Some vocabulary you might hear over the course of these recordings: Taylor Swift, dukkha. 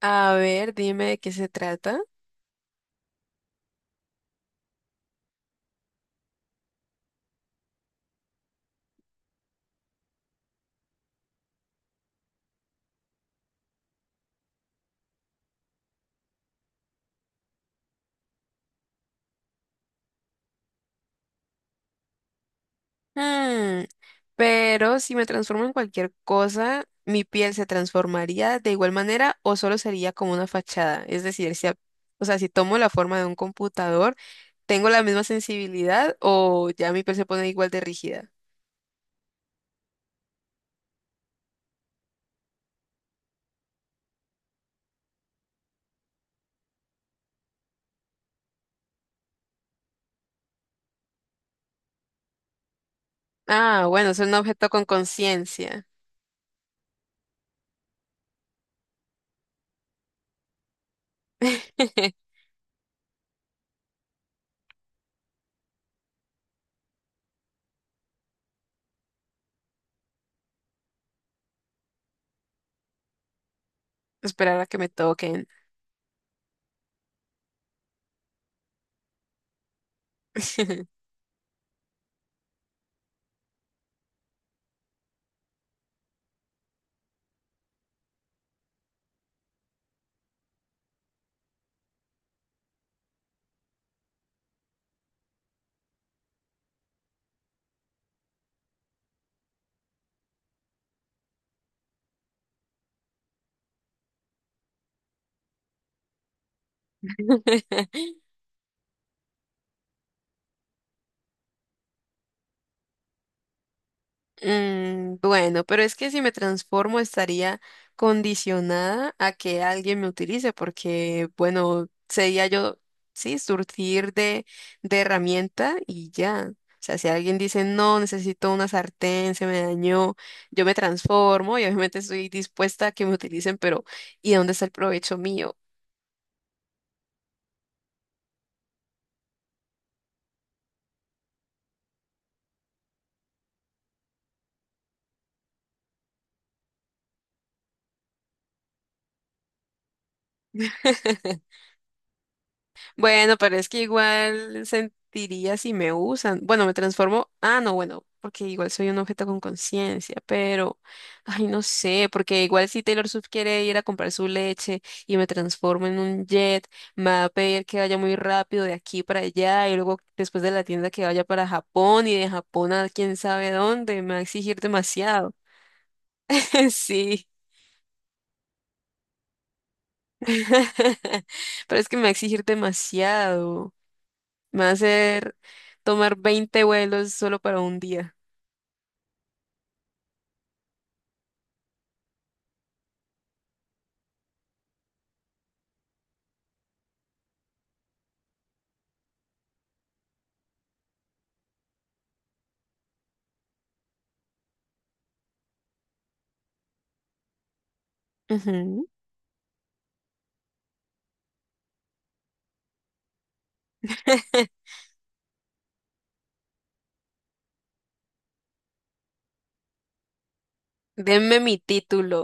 A ver, dime de qué se trata. Mm, pero si me transformo en cualquier cosa, ¿mi piel se transformaría de igual manera o solo sería como una fachada? Es decir, o sea, si tomo la forma de un computador, ¿tengo la misma sensibilidad o ya mi piel se pone igual de rígida? Ah, bueno, es un objeto con conciencia. Esperar a que me toquen. Mm, bueno, pero es que si me transformo estaría condicionada a que alguien me utilice, porque, bueno, sería yo, sí, surtir de herramienta y ya. O sea, si alguien dice, no, necesito una sartén, se me dañó, yo me transformo y obviamente estoy dispuesta a que me utilicen, pero ¿y dónde está el provecho mío? Bueno, pero es que igual sentiría si me usan. Bueno, me transformo. Ah, no, bueno, porque igual soy un objeto con conciencia, pero, ay, no sé, porque igual si Taylor Swift quiere ir a comprar su leche y me transformo en un jet, me va a pedir que vaya muy rápido de aquí para allá y luego después de la tienda que vaya para Japón y de Japón a quién sabe dónde, me va a exigir demasiado. Sí. Pero es que me va a exigir demasiado. Me va a hacer tomar 20 vuelos solo para un día. Ujú. Denme mi título.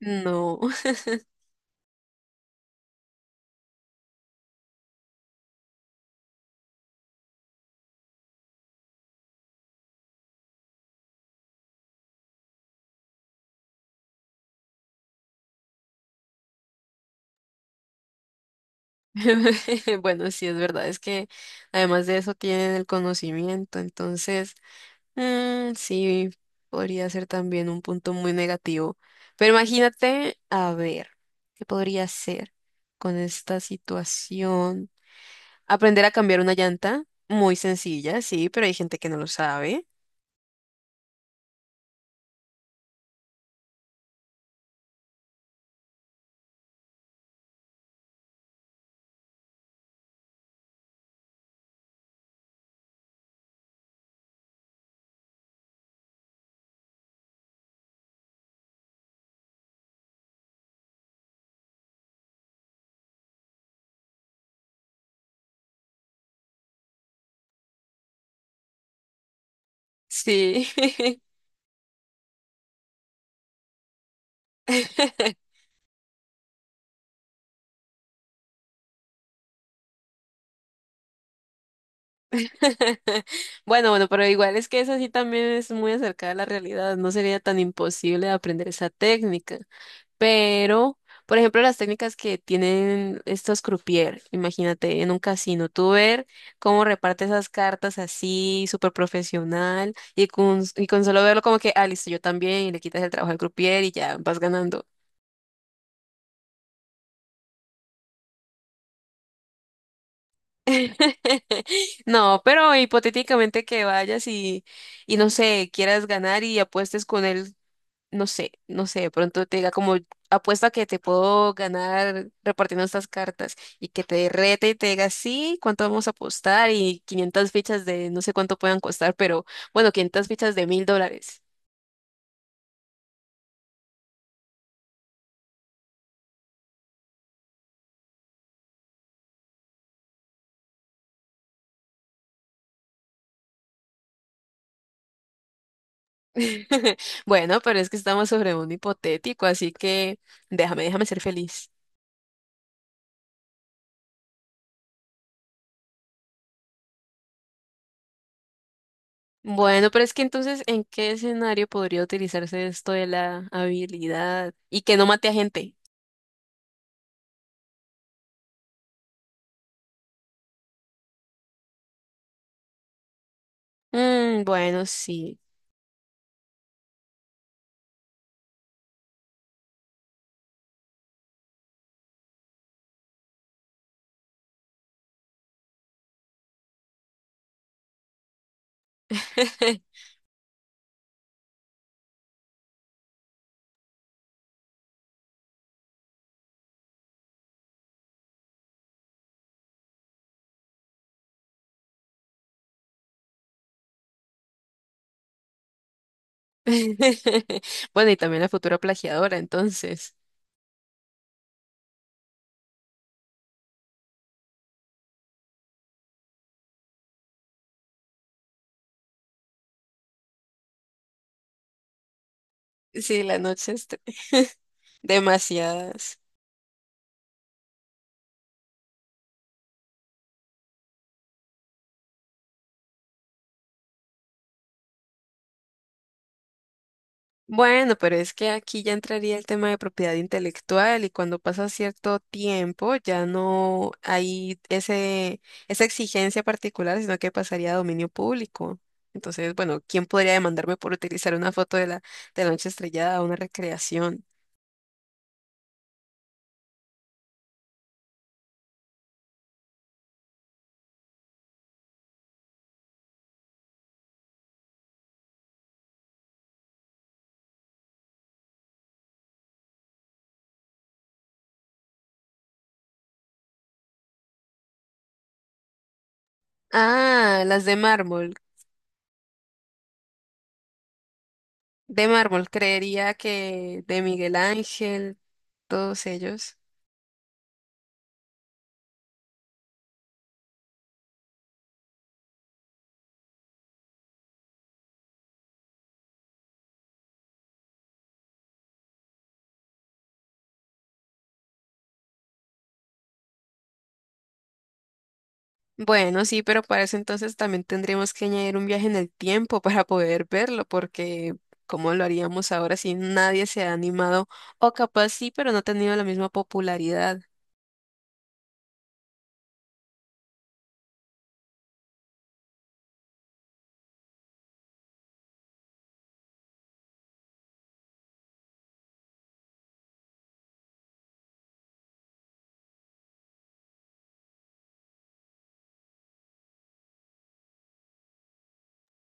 No. Bueno, sí, es verdad. Es que además de eso tienen el conocimiento. Entonces, mm, sí, podría ser también un punto muy negativo. Pero imagínate, a ver, ¿qué podría ser con esta situación? Aprender a cambiar una llanta. Muy sencilla, sí, pero hay gente que no lo sabe. Sí. Bueno, bueno, pero igual es que eso sí también es muy acercada a la realidad, no sería tan imposible aprender esa técnica, pero, por ejemplo, las técnicas que tienen estos croupier, imagínate en un casino, tú ver cómo reparte esas cartas así, súper profesional, y con solo verlo como que, ah, listo, yo también, y le quitas el trabajo al croupier y ya vas ganando. No, pero hipotéticamente que vayas y no sé, quieras ganar y apuestes con él. No sé, no sé, de pronto te diga como apuesta que te puedo ganar repartiendo estas cartas y que te rete y te diga, sí, ¿cuánto vamos a apostar? Y 500 fichas de no sé cuánto puedan costar, pero bueno, 500 fichas de 1.000 dólares. Bueno, pero es que estamos sobre un hipotético, así que déjame, déjame ser feliz. Bueno, pero es que entonces, ¿en qué escenario podría utilizarse esto de la habilidad y que no mate a gente? Mm, bueno, sí. Bueno, y también la futura plagiadora, entonces. Sí, la noche es tre- demasiadas. Bueno, pero es que aquí ya entraría el tema de propiedad intelectual y cuando pasa cierto tiempo ya no hay ese, esa exigencia particular, sino que pasaría a dominio público. Entonces, bueno, ¿quién podría demandarme por utilizar una foto de la noche estrellada o una recreación? Ah, las de mármol. De mármol, creería que de Miguel Ángel, todos ellos. Bueno, sí, pero para eso entonces también tendríamos que añadir un viaje en el tiempo para poder verlo, porque ¿cómo lo haríamos ahora si nadie se ha animado? O capaz sí, pero no ha tenido la misma popularidad.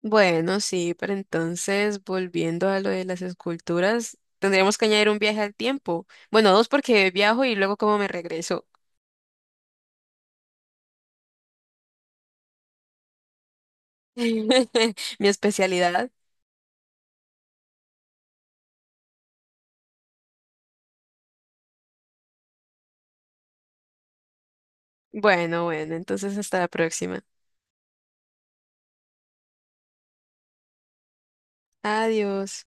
Bueno, sí, pero entonces volviendo a lo de las esculturas, tendríamos que añadir un viaje al tiempo. Bueno, dos porque viajo y luego cómo me regreso. Mi especialidad. Bueno, bueno, entonces hasta la próxima. Adiós.